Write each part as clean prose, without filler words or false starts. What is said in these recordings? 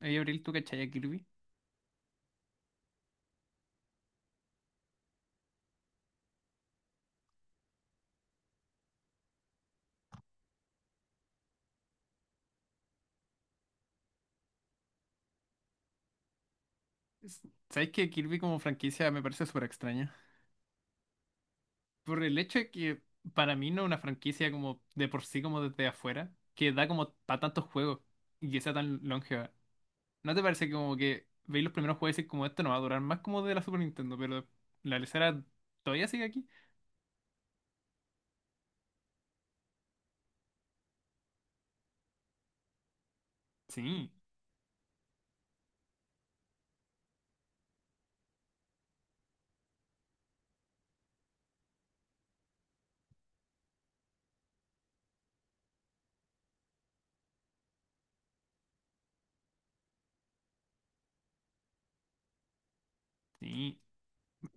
Oye, Abril, ¿tú cachai a Kirby? ¿Sabes que Kirby como franquicia me parece súper extraña? Por el hecho de que para mí no es una franquicia como de por sí, como desde afuera, que da como para tantos juegos y que sea tan longeva. ¿No te parece que como que veis los primeros juegos y decís como esto no va a durar más como de la Super Nintendo, pero la lesera todavía sigue aquí? Sí, sí.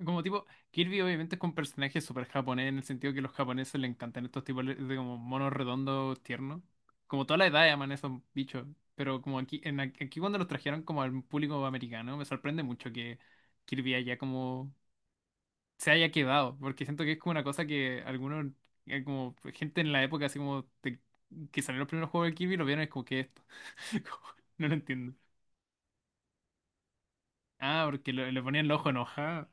Como tipo, Kirby obviamente es un personaje súper japonés en el sentido que a los japoneses le encantan estos tipos de como monos redondos tiernos. Como toda la edad llaman esos bichos. Pero como aquí, en, aquí cuando los trajeron como al público americano, me sorprende mucho que Kirby haya como se haya quedado. Porque siento que es como una cosa que algunos, como gente en la época así que salieron los primeros juegos de Kirby lo vieron y es como que esto. Como, no lo entiendo. Ah, porque le ponían el ojo enojado.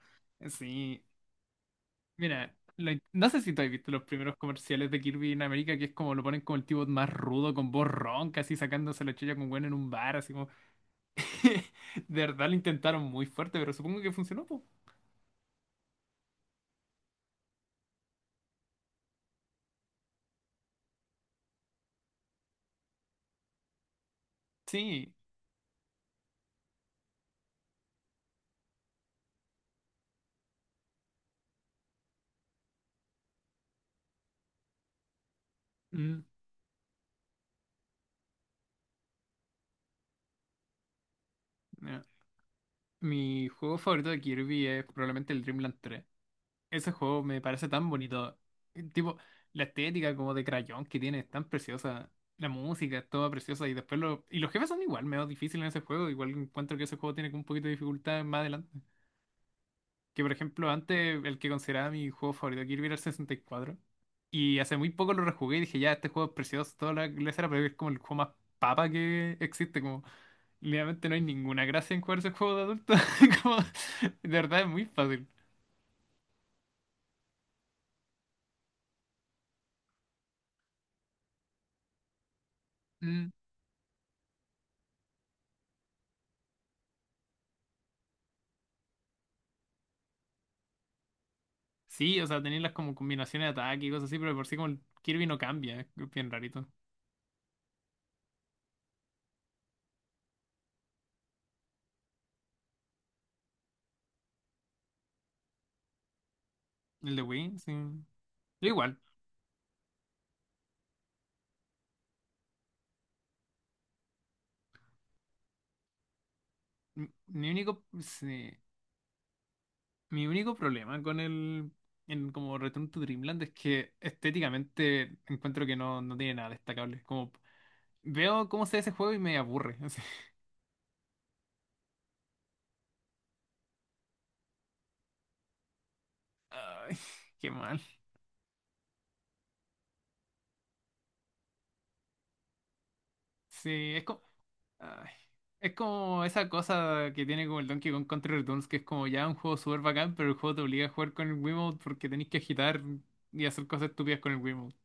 Sí. Mira, no sé si tú has visto los primeros comerciales de Kirby en América, que es como lo ponen como el tipo más rudo, con voz ronca, así sacándose la chulla con Gwen en un bar, así como... De verdad lo intentaron muy fuerte, pero supongo que funcionó, pues. Sí. Mm, ya. Mi juego favorito de Kirby es probablemente el Dreamland 3. Ese juego me parece tan bonito. Tipo, la estética como de crayón que tiene es tan preciosa. La música es toda preciosa y después lo... Y los jefes son igual, medio difícil en ese juego. Igual encuentro que ese juego tiene como un poquito de dificultad más adelante. Que por ejemplo, antes el que consideraba mi juego favorito, Kirby, era el 64. Y cuatro. Y hace muy poco lo rejugué y dije, ya, este juego es precioso, toda la era pero es como el juego más papa que existe. Como, literalmente no hay ninguna gracia en jugar ese juego de adulto. Como, de verdad es muy fácil. Mm. Sí, o sea, tenéis las como combinaciones de ataque y cosas así, pero de por sí como el Kirby no cambia, es bien rarito. El de Wii, sí. Yo igual, mi único, sí. Mi único problema con el en como Return to Dreamland es que estéticamente encuentro que no, no tiene nada destacable. Como veo cómo se ve ese juego y me aburre. así. Ay, qué mal. Sí, es como ay, es como esa cosa que tiene como el Donkey Kong Country Returns que es como ya un juego súper bacán, pero el juego te obliga a jugar con el Wiimote porque tenés que agitar y hacer cosas estúpidas con el Wiimote.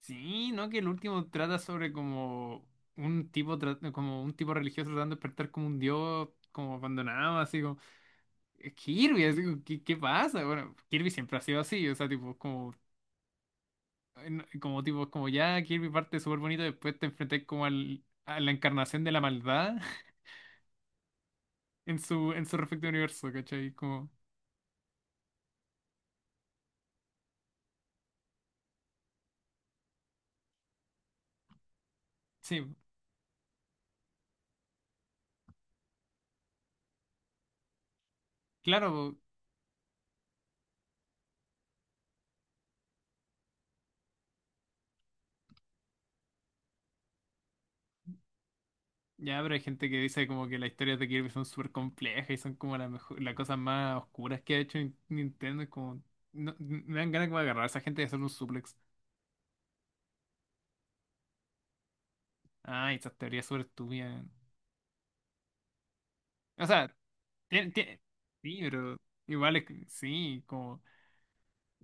Sí, ¿no? Que el último trata sobre como un como un tipo religioso tratando de despertar como un dios como abandonado, así como Kirby, así como, ¿qué, qué pasa? Bueno, Kirby siempre ha sido así, o sea, tipo como como tipo como ya Kirby parte súper bonito, después te enfrenté como al, a la encarnación de la maldad en su respecto universo, ¿cachai? Como sí, claro. Ya, pero hay gente que dice como que las historias de Kirby son súper complejas y son como las las cosas más oscuras que ha hecho Nintendo. Es como. Me dan ganas como de agarrar a esa gente y hacer un suplex. Ay, esas teorías súper estúpidas. O sea, tiene, tiene- sí, pero igual es. Sí, como.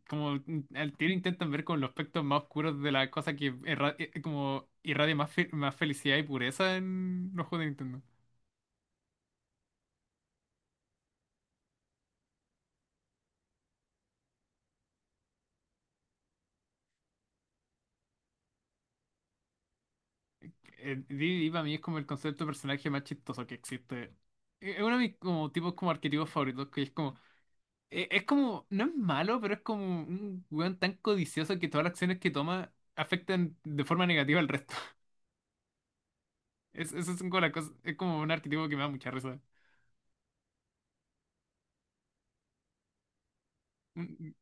Como mm, al tiro intentan ver con los aspectos más oscuros de la cosa como irradia más, más felicidad y pureza en los juegos de Nintendo. Didi para mí es como el concepto de personaje más chistoso que existe. Es uno de mis como, tipos como arquetipos favoritos, que es como, no es malo, pero es como un weón tan codicioso que todas las acciones que toma afectan de forma negativa al resto. Es, eso es como la cosa, es como un arquetipo que me da mucha risa. Un-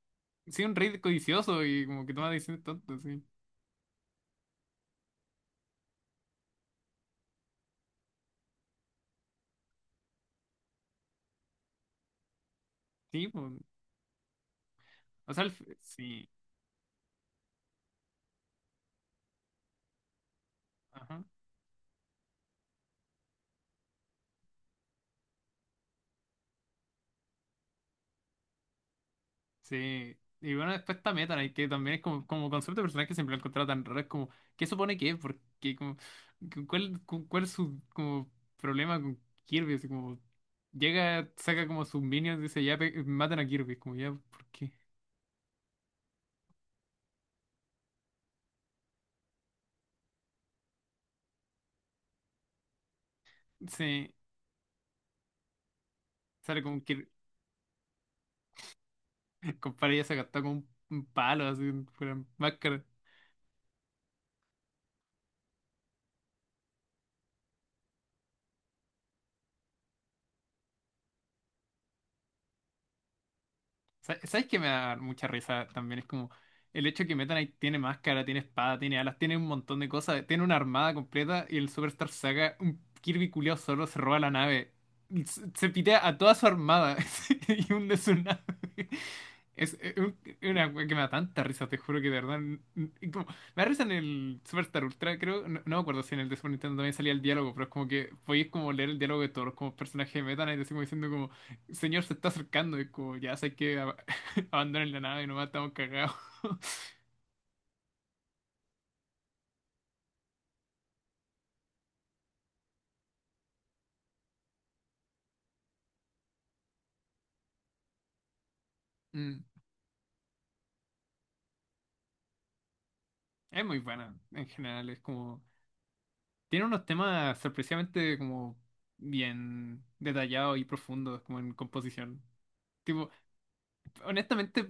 sí, un rey codicioso y como que toma decisiones tontas, sí. Sí, po. O sea, sí. Ajá. Sí, y bueno, después está Meta Knight, que también es como, como concepto de personaje que siempre lo he encontrado tan raro, es como, ¿qué supone que es? Porque como, ¿cuál, cuál es su como problema con Kirby? Así como, llega, saca como sus minions, dice, ya matan a Kirby, como ya, ¿por qué? Sí, sale como que el compadre ya se gastó con un palo, así, fuera máscara. ¿Sabes qué me da mucha risa también? Es como el hecho que Meta Knight tiene máscara, tiene espada, tiene alas, tiene un montón de cosas, tiene una armada completa y el Superstar Saga, un Kirby culiao solo se roba la nave. Se pitea a toda su armada y hunde su nave. Es una wea que me da tanta risa, te juro que de verdad. Y me da risa en el Superstar Ultra, creo. No, no me acuerdo si en el de Super Nintendo también salía el diálogo, pero es como que podéis como leer el diálogo de todos los como personajes de Meta Knight, así como diciendo como. Señor, se está acercando, es como, ya sé abandonen la nave, nomás estamos cagados. Mm, es muy buena, en general, es como, tiene unos temas sorpresivamente como bien detallados y profundos, como en composición. Tipo, honestamente,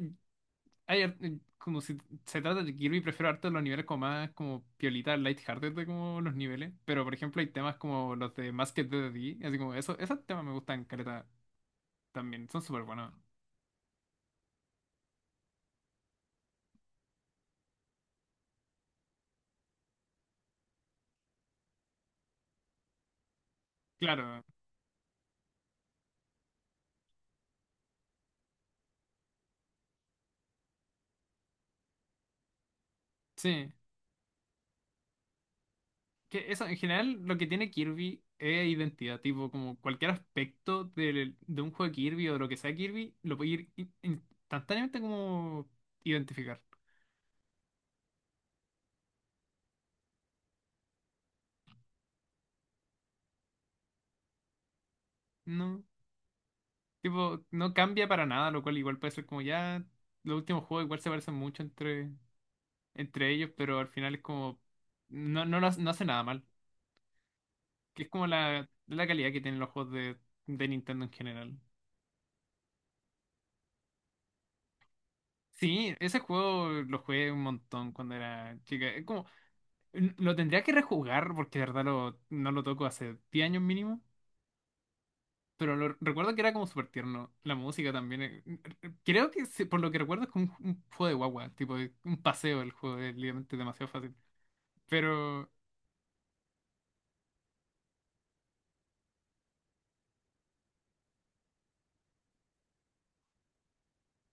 hay ar- como si se trata de Kirby, prefiero harto los niveles como más, como piolita, lighthearted de como los niveles, pero por ejemplo hay temas como los de Masked D D D, así como, eso, esos temas me gustan, caleta, también, son súper buenos. Claro, sí. Que eso, en general, lo que tiene Kirby es identidad, tipo, como cualquier aspecto de, un juego de Kirby o de lo que sea Kirby, lo puede ir instantáneamente como identificar, ¿no? Tipo, no cambia para nada, lo cual igual puede ser como ya, los últimos juegos igual se parecen mucho entre ellos, pero al final es como, no, lo hace, no hace nada mal, que es como la calidad que tienen los juegos de Nintendo en general. Sí, ese juego lo jugué un montón cuando era chica. Es como lo tendría que rejugar porque de verdad lo, no lo toco hace 10 años mínimo. Pero lo, recuerdo que era como súper tierno. La música también. Creo que sí, por lo que recuerdo es como un juego de guagua. Tipo un paseo el juego. Es literalmente demasiado fácil. Pero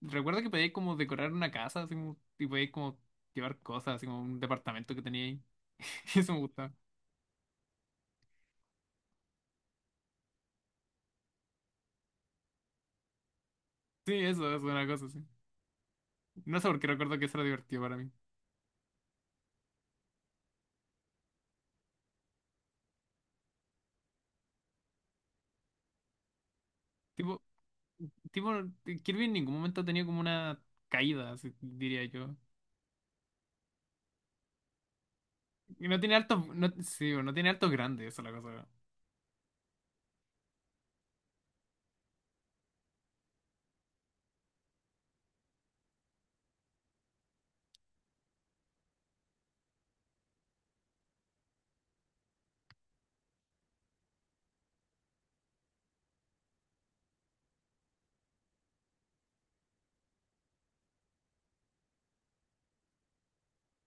recuerdo que podíais como decorar una casa. Así como, y podíais como llevar cosas. Así como un departamento que tenía ahí. Eso me gustaba. Sí, eso es una cosa así. No sé por qué recuerdo que eso era divertido para mí. Tipo, tipo, Kirby en ningún momento ha tenido como una caída, así diría yo. Y no tiene altos, no, sí, bueno, no tiene altos grandes, esa es la cosa.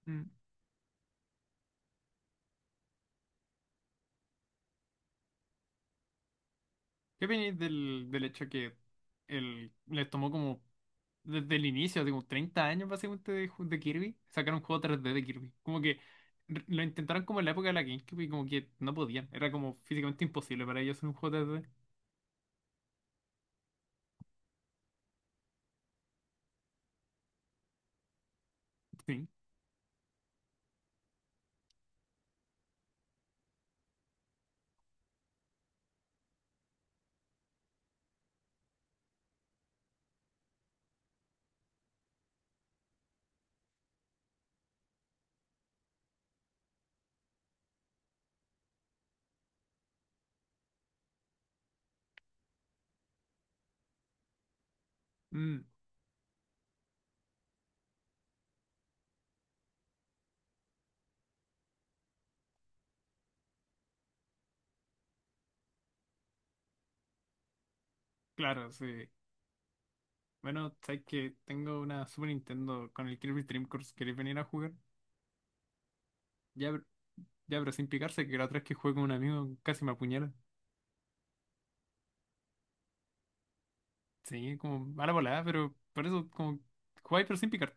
Mm. ¿Qué opináis del hecho que el, les tomó como desde el inicio, así como 30 años básicamente de, de Kirby, sacar un juego tres d de Kirby? Como que lo intentaron como en la época de la GameCube y como que no podían, era como físicamente imposible para ellos hacer un juego tres d. Sí. Mm, claro, sí. Bueno, sabes que tengo una Super Nintendo con el Kirby Dream Course, ¿queréis venir a jugar? Ya, ya, pero sin picarse, que la otra vez que jugué con un amigo casi me apuñala. Sí, como mala volada, pero por eso, como jugáis pero sin picar.